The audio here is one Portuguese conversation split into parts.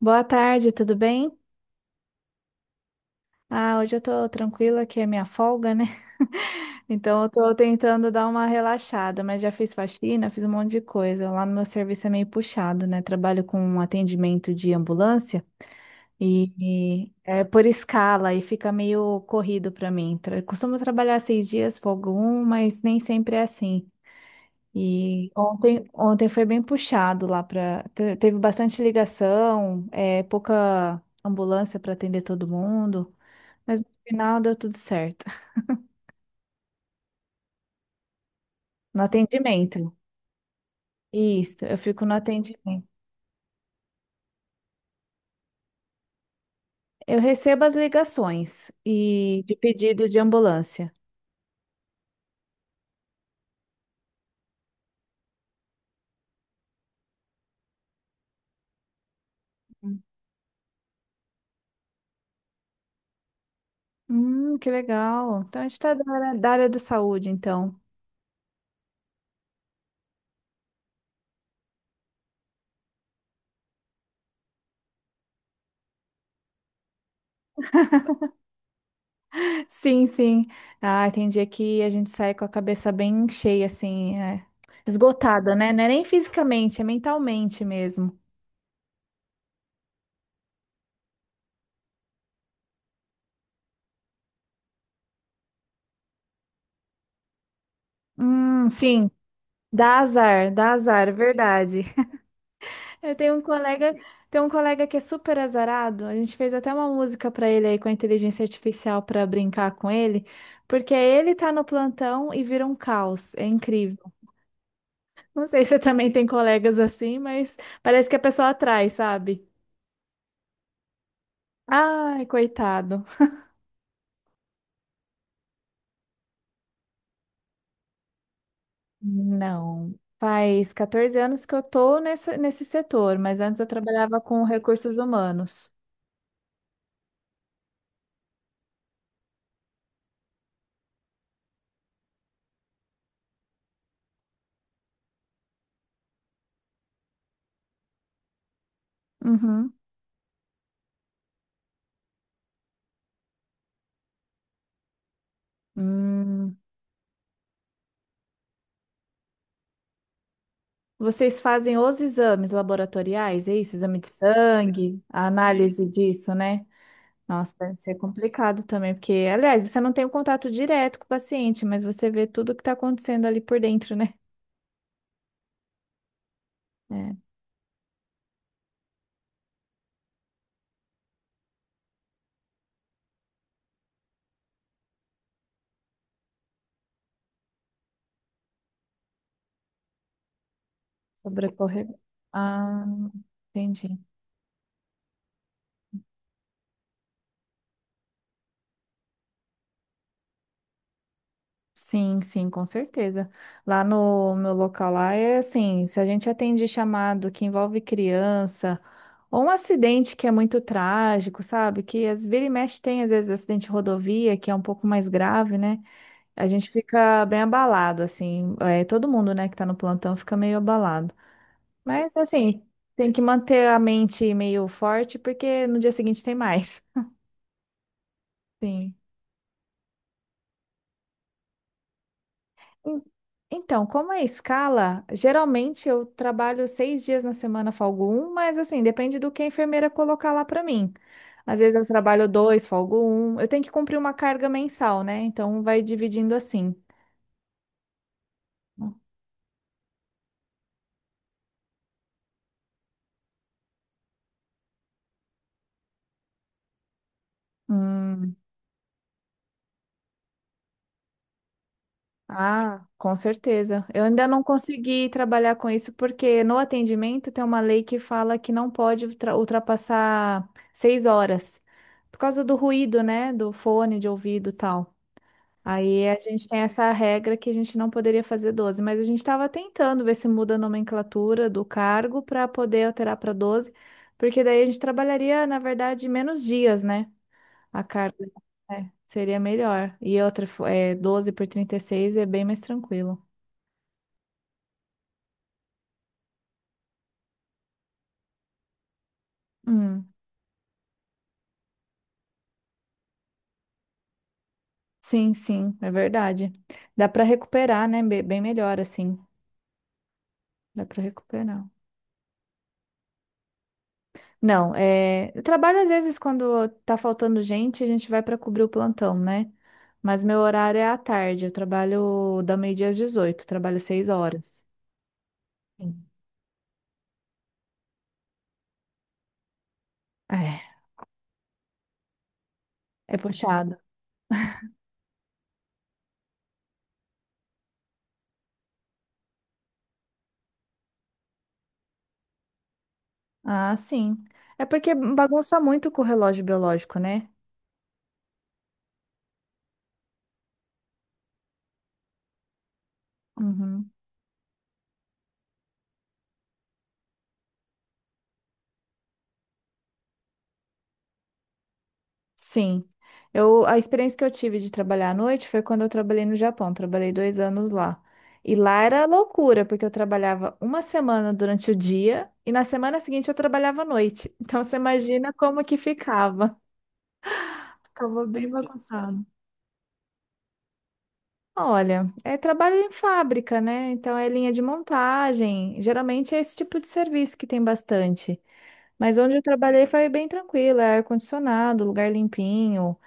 Boa tarde, tudo bem? Ah, hoje eu tô tranquila, que é minha folga, né? Então eu tô tentando dar uma relaxada, mas já fiz faxina, fiz um monte de coisa. Lá no meu serviço é meio puxado, né? Trabalho com atendimento de ambulância e, e é por escala e fica meio corrido pra mim. Costumo trabalhar 6 dias, folgo um, mas nem sempre é assim. E ontem foi bem puxado lá para. Teve bastante ligação, é, pouca ambulância para atender todo mundo, mas no final deu tudo certo. No atendimento. Isso, eu fico no atendimento. Eu recebo as ligações e de pedido de ambulância. Que legal. Então a gente está da área da saúde, então. Sim, sim. Ah, tem dia que a gente sai com a cabeça bem cheia, assim, é, esgotada, né? Não é nem fisicamente, é mentalmente mesmo. Sim, dá azar, é verdade. Eu tenho um colega que é super azarado. A gente fez até uma música para ele aí com a inteligência artificial para brincar com ele, porque ele tá no plantão e vira um caos. É incrível. Não sei se você também tem colegas assim, mas parece que a pessoa atrai, sabe? Ai, coitado. Não. Faz 14 anos que eu tô nessa, nesse setor, mas antes eu trabalhava com recursos humanos. Uhum. Hum. Vocês fazem os exames laboratoriais, é isso? Exame de sangue, a análise disso, né? Nossa, deve ser complicado também, porque, aliás, você não tem o contato direto com o paciente, mas você vê tudo o que está acontecendo ali por dentro, né? É, sobrecorrer. Ah, entendi. Sim, sim, com certeza. Lá no meu local lá é assim, se a gente atende chamado que envolve criança ou um acidente que é muito trágico, sabe? Que às vira e mexe tem às vezes acidente de rodovia que é um pouco mais grave, né? A gente fica bem abalado assim, é, todo mundo, né, que tá no plantão fica meio abalado. Mas assim, tem que manter a mente meio forte porque no dia seguinte tem mais. Sim. En- Então, como é escala, geralmente eu trabalho 6 dias na semana, folgo um, mas assim, depende do que a enfermeira colocar lá para mim. Às vezes eu trabalho 2, folgo um. Eu tenho que cumprir uma carga mensal, né? Então vai dividindo assim. Hum, ah, com certeza. Eu ainda não consegui trabalhar com isso porque no atendimento tem uma lei que fala que não pode ultrapassar 6 horas por causa do ruído, né? Do fone de ouvido e tal. Aí a gente tem essa regra que a gente não poderia fazer 12, mas a gente estava tentando ver se muda a nomenclatura do cargo para poder alterar para 12, porque daí a gente trabalharia, na verdade, menos dias, né? A carga é, seria melhor. E outra, é, 12 por 36 é bem mais tranquilo. Hum, sim, sim, é verdade. Dá para recuperar, né? Bem melhor assim. Dá para recuperar. Não, é, trabalho às vezes quando tá faltando gente, a gente vai para cobrir o plantão, né? Mas meu horário é à tarde. Eu trabalho da meio-dia às 18. Trabalho 6 horas. Sim. É, é puxado. Ah, sim. É porque bagunça muito com o relógio biológico, né? Uhum. Sim. Eu, a experiência que eu tive de trabalhar à noite foi quando eu trabalhei no Japão. Trabalhei 2 anos lá. E lá era loucura, porque eu trabalhava uma semana durante o dia e na semana seguinte eu trabalhava à noite. Então você imagina como que ficava. Ficava bem bagunçado. Olha, é trabalho em fábrica, né? Então é linha de montagem. Geralmente é esse tipo de serviço que tem bastante. Mas onde eu trabalhei foi bem tranquilo, é ar-condicionado, lugar limpinho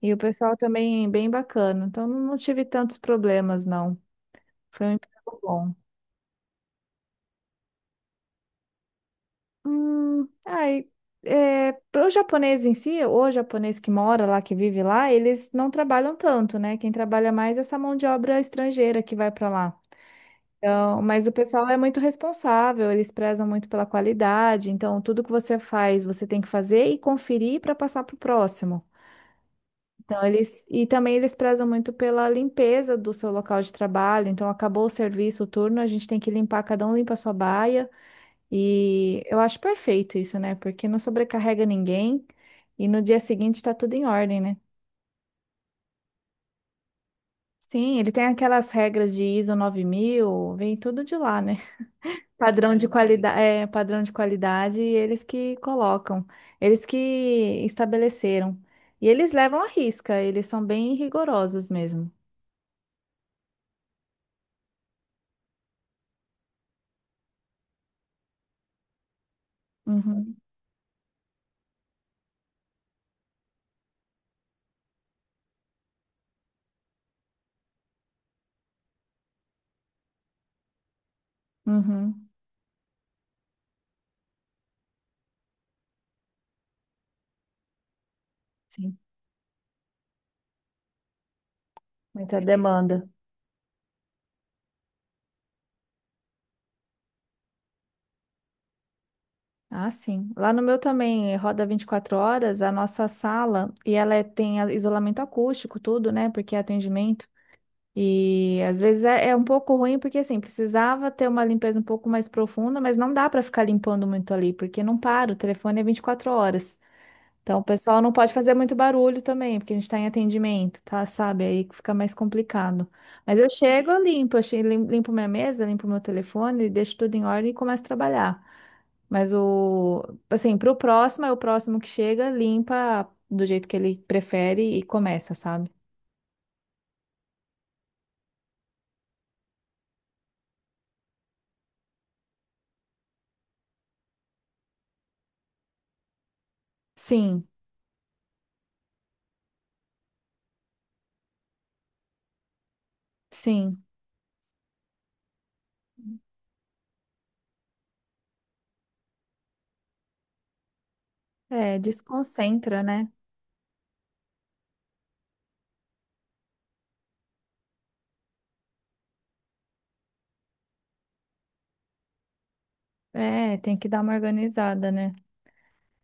e o pessoal também bem bacana. Então não tive tantos problemas, não. Foi um emprego bom. Ai, é, para o japonês em si, o japonês que mora lá, que vive lá, eles não trabalham tanto, né? Quem trabalha mais é essa mão de obra estrangeira que vai para lá. Então, mas o pessoal é muito responsável, eles prezam muito pela qualidade, então tudo que você faz, você tem que fazer e conferir para passar para o próximo. Então, e também eles prezam muito pela limpeza do seu local de trabalho. Então, acabou o serviço, o turno, a gente tem que limpar, cada um limpa a sua baia. E eu acho perfeito isso, né? Porque não sobrecarrega ninguém e no dia seguinte está tudo em ordem, né? Sim, ele tem aquelas regras de ISO 9.000. Vem tudo de lá, né? Padrão de qualidade, é, padrão de qualidade, e eles que colocam, eles que estabeleceram. E eles levam à risca, eles são bem rigorosos mesmo. Uhum, uhum, sim. Muita demanda. Ah, sim. Lá no meu também roda 24 horas, a nossa sala, e ela tem isolamento acústico, tudo, né? Porque é atendimento. E às vezes é um pouco ruim, porque assim, precisava ter uma limpeza um pouco mais profunda, mas não dá para ficar limpando muito ali, porque não para, o telefone é 24 horas. Então, o pessoal não pode fazer muito barulho também, porque a gente está em atendimento, tá? Sabe? Aí que fica mais complicado. Mas eu chego, eu limpo, eu limpo minha mesa, limpo meu telefone, deixo tudo em ordem e começo a trabalhar. Mas assim, pro próximo, é o próximo que chega, limpa do jeito que ele prefere e começa, sabe? Sim, sim. É, desconcentra, né? É, tem que dar uma organizada, né?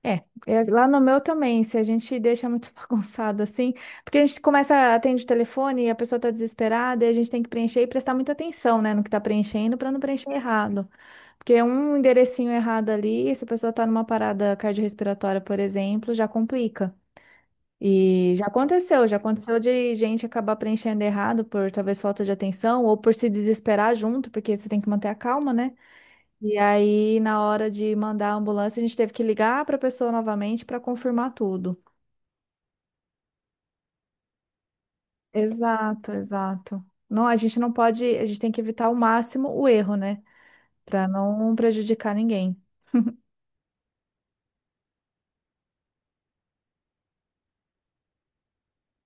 É, lá no meu também, se a gente deixa muito bagunçado assim, porque a gente começa, atende o telefone e a pessoa tá desesperada e a gente tem que preencher e prestar muita atenção, né, no que tá preenchendo para não preencher errado. Porque um enderecinho errado ali, se a pessoa tá numa parada cardiorrespiratória, por exemplo, já complica. E já aconteceu de gente acabar preenchendo errado por talvez falta de atenção ou por se desesperar junto, porque você tem que manter a calma, né? E aí, na hora de mandar a ambulância, a gente teve que ligar para a pessoa novamente para confirmar tudo. Exato, exato. Não, a gente não pode, a gente tem que evitar ao máximo o erro, né? Para não prejudicar ninguém.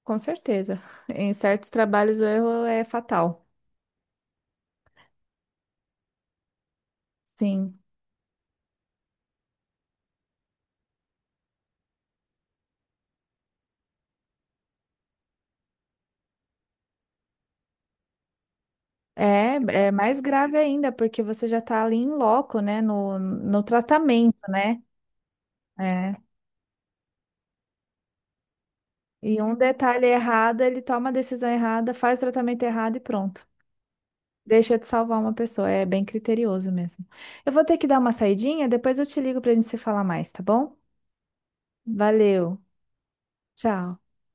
Com certeza. Em certos trabalhos o erro é fatal. Sim. É, é mais grave ainda, porque você já está ali em loco, né? No tratamento, né? É. E um detalhe errado, ele toma a decisão errada, faz o tratamento errado e pronto. Deixa de salvar uma pessoa, é bem criterioso mesmo. Eu vou ter que dar uma saidinha, depois eu te ligo pra gente se falar mais, tá bom? Valeu, tchau.